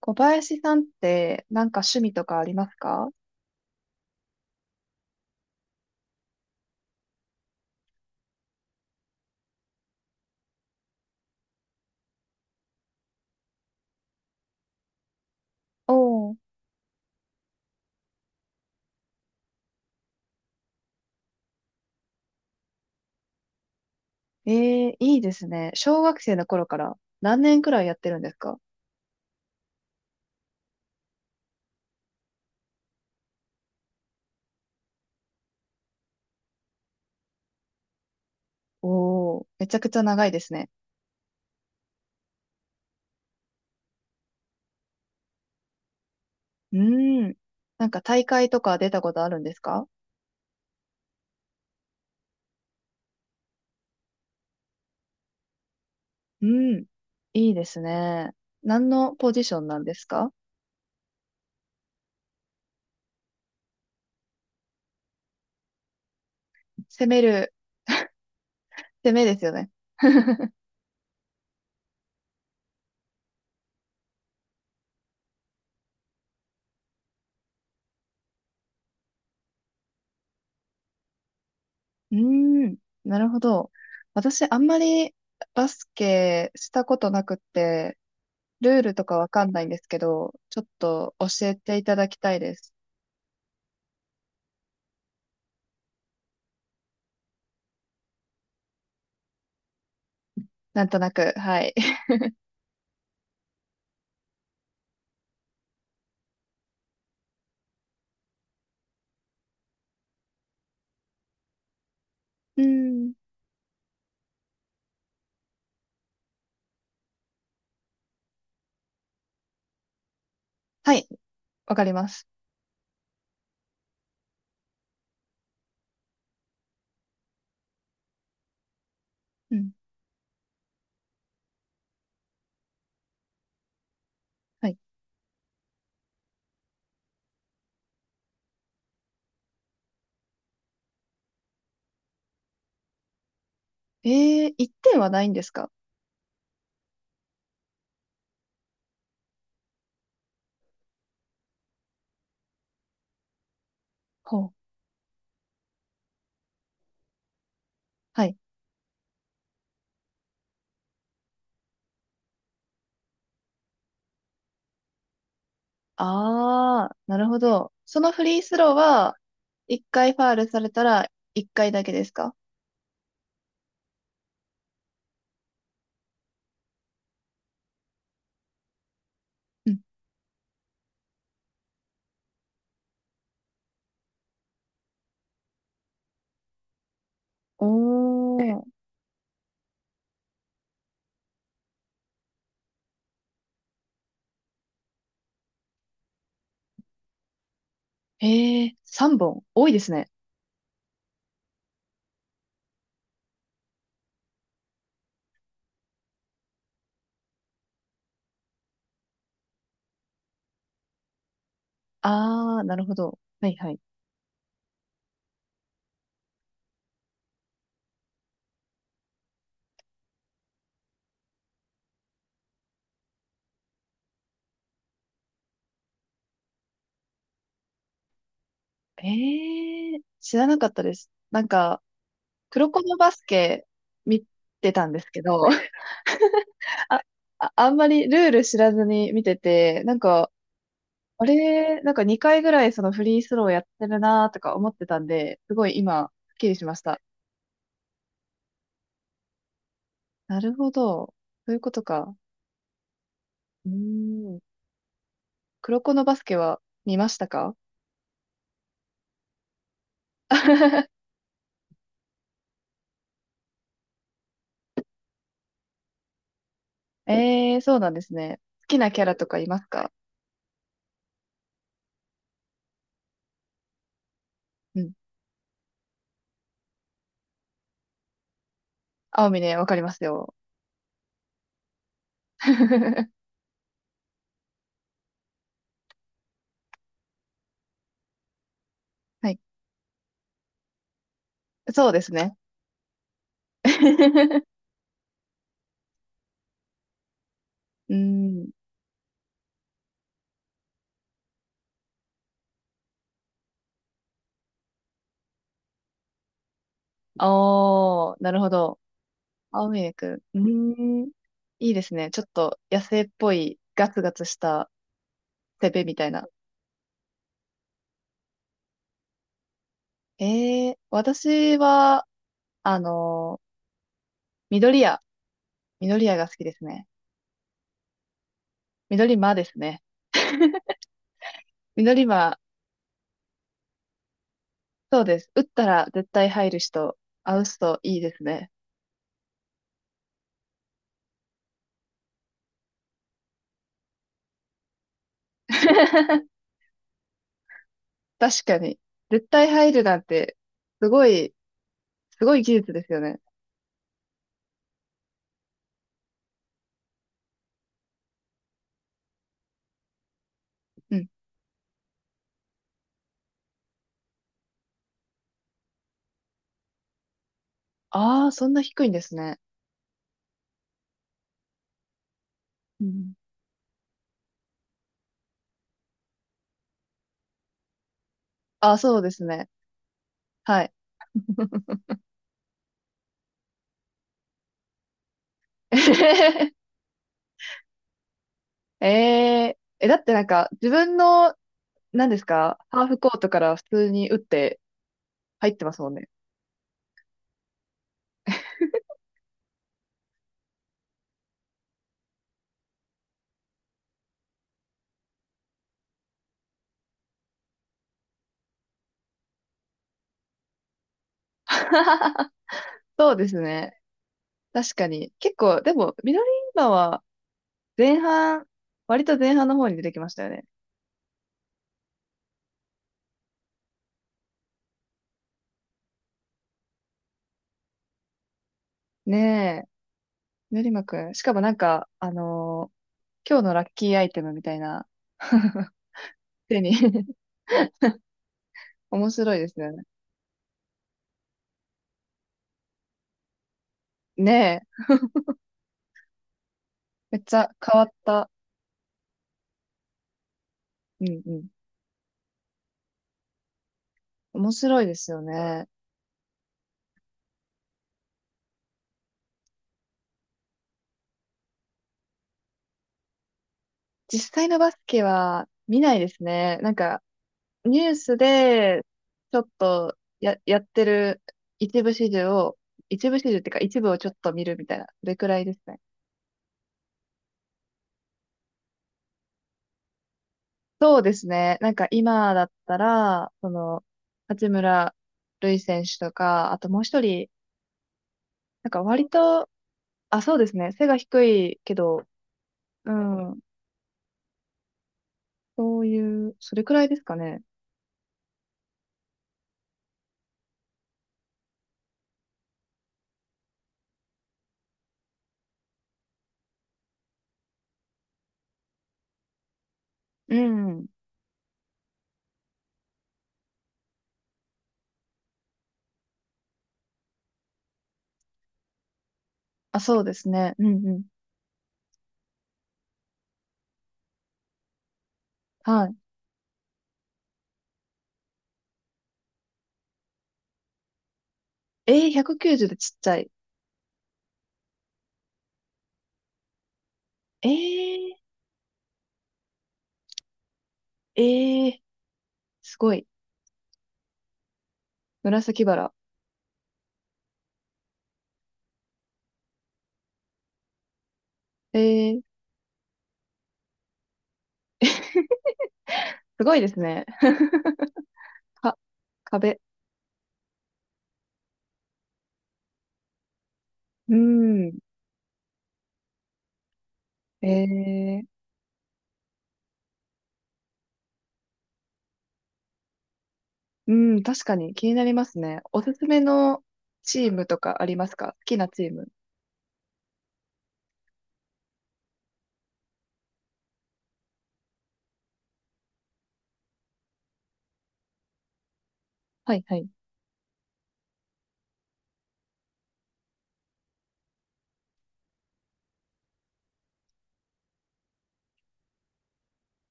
小林さんってなんか趣味とかありますか？おおー。ええ、いいですね。小学生の頃から何年くらいやってるんですか？おおー、めちゃくちゃ長いですね。うーん。なんか大会とか出たことあるんですか？うん。いいですね。何のポジションなんですか？攻める、攻めですよね。うーん。なるほど。私あんまりバスケしたことなくって、ルールとかわかんないんですけど、ちょっと教えていただきたいです。なんとなく、はい。うん。はい、わかります。うん。はい。えー、1点はないんですか？ほう。はい。あー、なるほど。そのフリースローは、1回ファールされたら1回だけですか？うん。おー。えー、3本。多いですね。あー、なるほど。はいはい。えー、知らなかったです。なんか、黒子のバスケ見てたんですけど、あ、あ、あんまりルール知らずに見てて、なんか、あれ、なんか2回ぐらいそのフリースローやってるなとか思ってたんで、すごい今、スッキリしました。なるほど。そういうことか。うーん。黒子のバスケは見ましたか？ええー、そうなんですね。好きなキャラとかいますか？うん。青峰、わかりますよ。はい。そうですね。うーん。おー、なるほど。青ミルク。うーん。いいですね。ちょっと野生っぽいガツガツしたセベみたいな。えー、私は、あのー緑屋。緑屋が好きですね。緑間ですね。緑間、そうです。打ったら絶対入る人、あう人いいですね。確かに。絶対入るなんて、すごい、すごい技術ですよね。うん。ああ、そんな低いんですね。うん。ああ、そうですね。はい。ええー、え、だってなんか、自分の、何ですか、ハーフコートから普通に打って入ってますもんね。そうですね。確かに。結構、でも、ミドリンバは前半、割と前半の方に出てきましたよね。ねえ、ミドリンバくん。しかもなんか、今日のラッキーアイテムみたいな、手に 面白いですよね。ねえ、めっちゃ変わった。うんうん。面白いですよね。実際のバスケは見ないですね。なんか、ニュースで、ちょっとや、やってる一部始終を、一部始終っていうか一部をちょっと見るみたいな、それくらいですね。そうですね。なんか今だったら、その、八村塁選手とか、あともう一人、なんか割と、あ、そうですね。背が低いけど、うん、そういう、それくらいですかね。うん。あ、そうですね。うんうん。はい。えー、190でちっちゃい。えー、えー、すごい。紫バラ、えー、すごいですね。か、壁。うん。えー、うん、確かに気になりますね。おすすめのチームとかありますか？好きなチーム。はい、はい。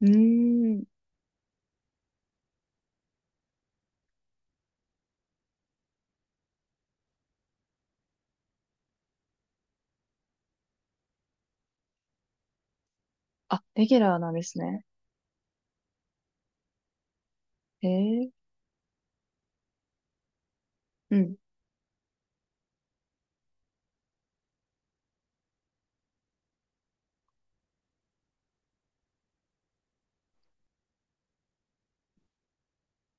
うーん。あ、レギュラーなんですね。えー、うん。